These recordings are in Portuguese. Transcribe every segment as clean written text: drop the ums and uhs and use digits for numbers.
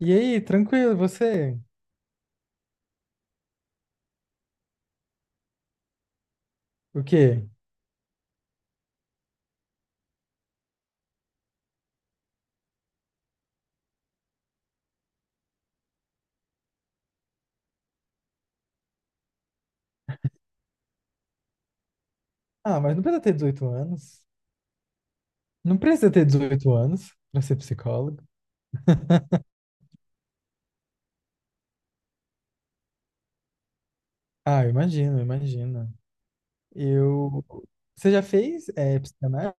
E aí, tranquilo, você? O quê? Ah, mas não precisa ter 18 anos. Não precisa ter 18 anos pra ser psicólogo. Ah, eu imagino, eu imagino. Eu. Você já fez psicanálise?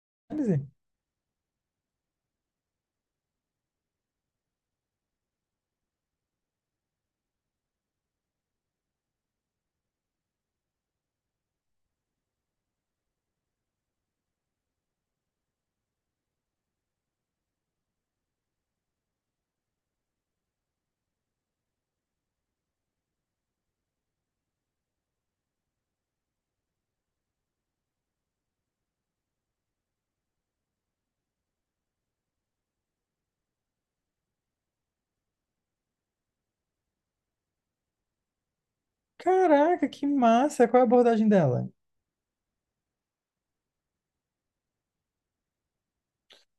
Caraca, que massa! Qual é a abordagem dela?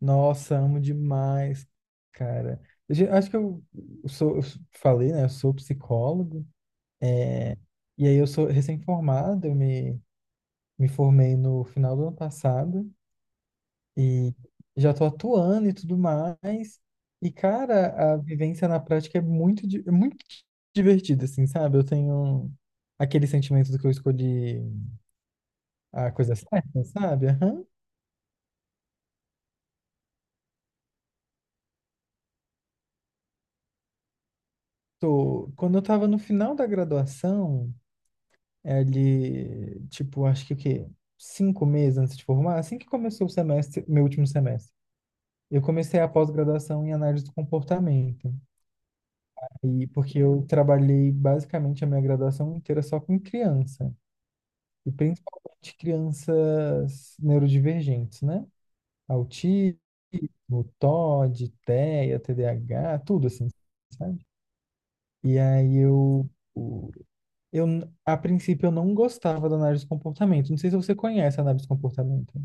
Nossa, amo demais, cara. Acho que eu falei, né? Eu sou psicólogo. é, E aí eu sou recém-formado, eu me formei no final do ano passado. E já tô atuando e tudo mais. E, cara, a vivência na prática é muito divertida, assim, sabe? Eu tenho aquele sentimento do que eu escolhi a coisa certa, sabe? Aham. Quando eu tava no final da graduação, é ali, tipo, acho que o quê? 5 meses antes de formar, assim que começou o semestre, meu último semestre. Eu comecei a pós-graduação em análise do comportamento. E porque eu trabalhei basicamente a minha graduação inteira só com criança. E principalmente crianças neurodivergentes, né? Autismo, TOD, TEA, TDAH, tudo assim, sabe? E aí o- eu, a princípio, eu não gostava da análise de comportamento. Não sei se você conhece a análise de comportamento.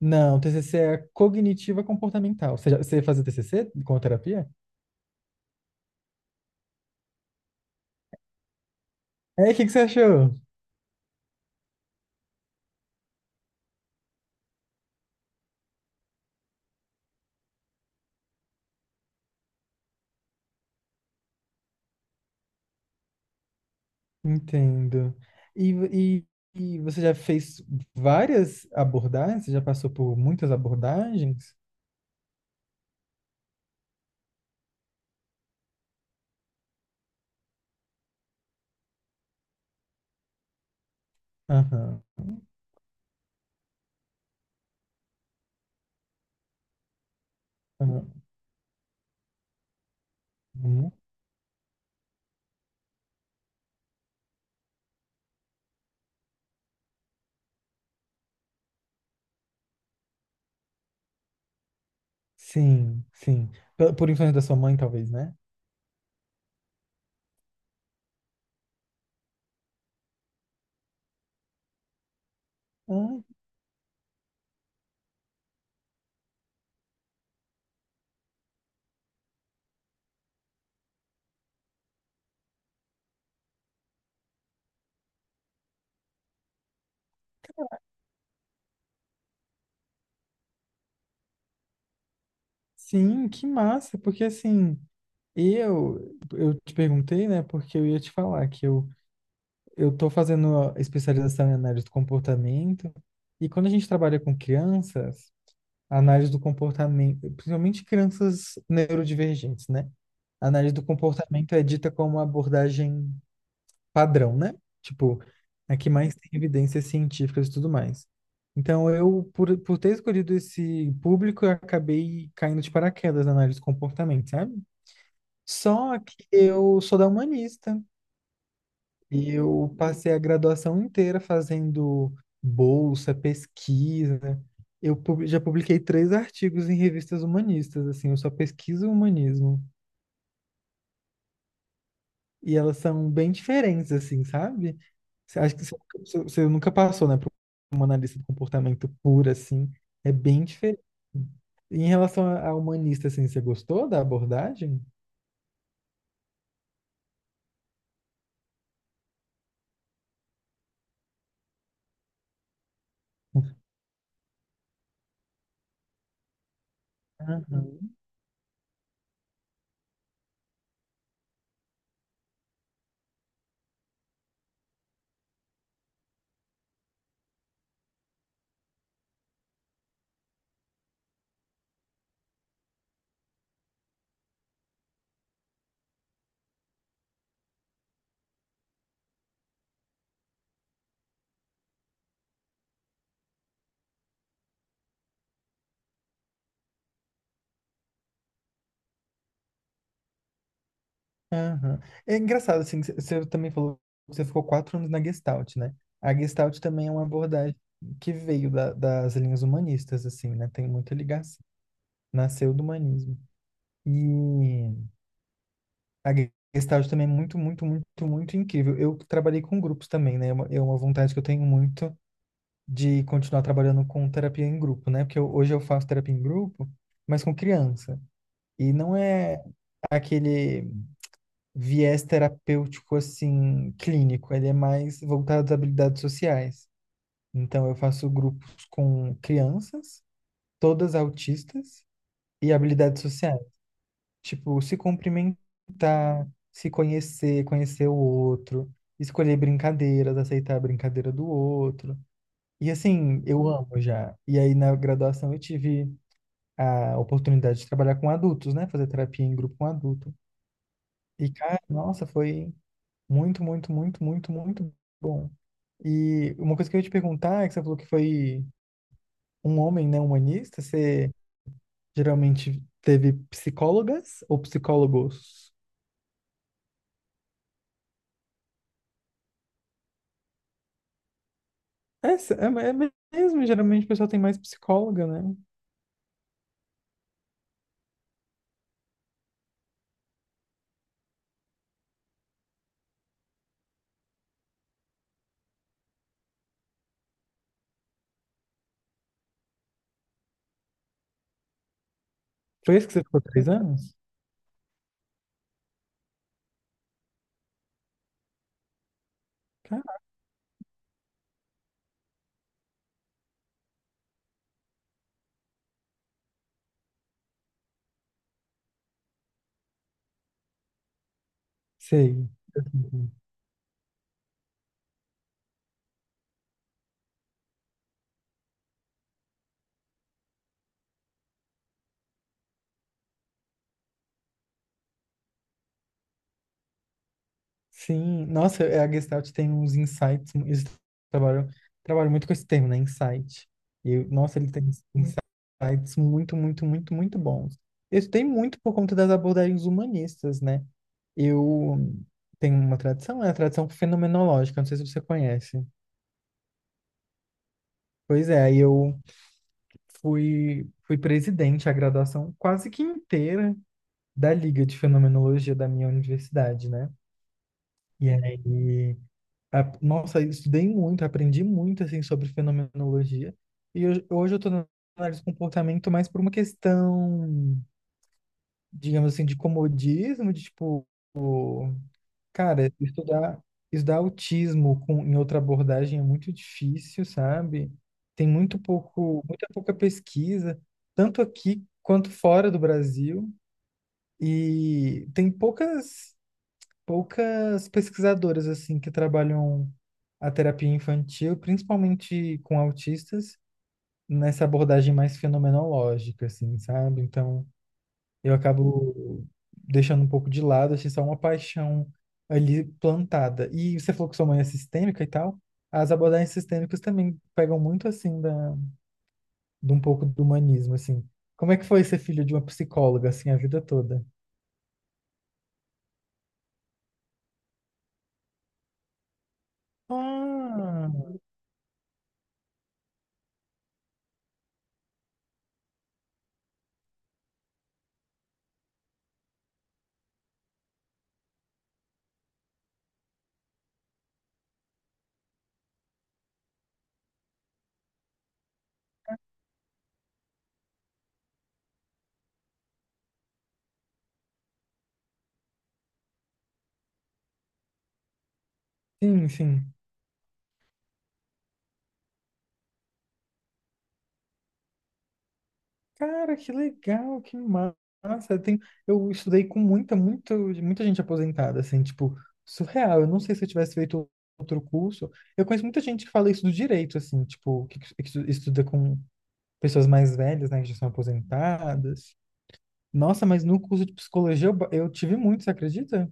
Não, TCC é cognitiva comportamental. Você fazia TCC com terapia? É, o que você achou? Entendo. E, você já fez várias abordagens? Você já passou por muitas abordagens? Aham, aham, uhum. Sim, sim. Por influência da sua mãe, talvez, né? Ah, sim, que massa, porque assim, eu te perguntei, né, porque eu ia te falar que eu tô fazendo a especialização em análise do comportamento, e quando a gente trabalha com crianças, a análise do comportamento, principalmente crianças neurodivergentes, né? A análise do comportamento é dita como uma abordagem padrão, né? Tipo, é que mais tem evidências científicas e tudo mais. Então, eu, por ter escolhido esse público, eu acabei caindo de paraquedas na análise do comportamento, sabe? Só que eu sou da humanista e eu passei a graduação inteira fazendo bolsa, pesquisa. Já publiquei 3 artigos em revistas humanistas, assim, eu só pesquiso o humanismo. E elas são bem diferentes, assim, sabe? Você acha que você nunca passou, né, por uma analista do comportamento pura, assim. É bem diferente. Em relação à humanista, assim, você gostou da abordagem? Aham, aham. É engraçado, assim, você também falou que você ficou 4 anos na Gestalt, né? A Gestalt também é uma abordagem que veio das linhas humanistas, assim, né? Tem muita ligação. Nasceu do humanismo. E a Gestalt também é muito, muito, muito, muito incrível. Eu trabalhei com grupos também, né? É uma vontade que eu tenho muito de continuar trabalhando com terapia em grupo, né? Porque hoje eu faço terapia em grupo, mas com criança. E não é aquele viés terapêutico, assim, clínico. Ele é mais voltado às habilidades sociais. Então, eu faço grupos com crianças, todas autistas, e habilidades sociais. Tipo, se cumprimentar, se conhecer, conhecer o outro, escolher brincadeiras, aceitar a brincadeira do outro. E assim, eu amo já. E aí na graduação eu tive a oportunidade de trabalhar com adultos, né? Fazer terapia em grupo com adulto. E cara, nossa, foi muito, muito, muito, muito, muito bom. E uma coisa que eu ia te perguntar é que você falou que foi um homem, né, humanista, você geralmente teve psicólogas ou psicólogos? É, é mesmo, geralmente o pessoal tem mais psicóloga, né? Foi isso que você ficou 3 anos? Cara, sei. Sim, nossa, a Gestalt tem uns insights, eles trabalham, trabalham muito com esse termo, né? Insight. E, nossa, ele tem uns insights muito, muito, muito, muito bons. Isso tem muito por conta das abordagens humanistas, né? Eu tenho uma tradição, é a tradição fenomenológica, não sei se você conhece. Pois é, aí eu fui presidente a graduação quase que inteira da Liga de Fenomenologia da minha universidade, né? E aí, nossa, eu estudei muito, aprendi muito, assim, sobre fenomenologia. E hoje, hoje eu tô na análise do comportamento mais por uma questão, digamos assim, de comodismo, de tipo, cara, estudar autismo em outra abordagem é muito difícil, sabe? Tem muito pouco, muita pouca pesquisa, tanto aqui quanto fora do Brasil. E tem poucas pesquisadoras assim que trabalham a terapia infantil, principalmente com autistas, nessa abordagem mais fenomenológica, assim, sabe? Então, eu acabo deixando um pouco de lado, achei só uma paixão ali plantada. E você falou que sua mãe é sistêmica e tal. As abordagens sistêmicas também pegam muito assim de um pouco do humanismo, assim. Como é que foi ser filho de uma psicóloga assim a vida toda? Ah, sim, sim. Cara, que legal, que massa. Tem, eu estudei com muita, muita, muita gente aposentada, assim, tipo, surreal. Eu não sei se eu tivesse feito outro curso. Eu conheço muita gente que fala isso do direito, assim, tipo, que estuda com pessoas mais velhas, né, que já são aposentadas. Nossa, mas no curso de psicologia eu tive muito, você acredita?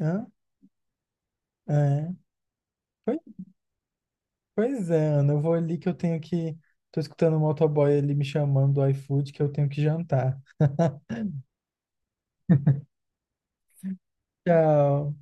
Hã? É. Pois, pois é, Ana, eu vou ali que eu tenho que. Tô escutando o motoboy ali me chamando do iFood que eu tenho que jantar. Tchau.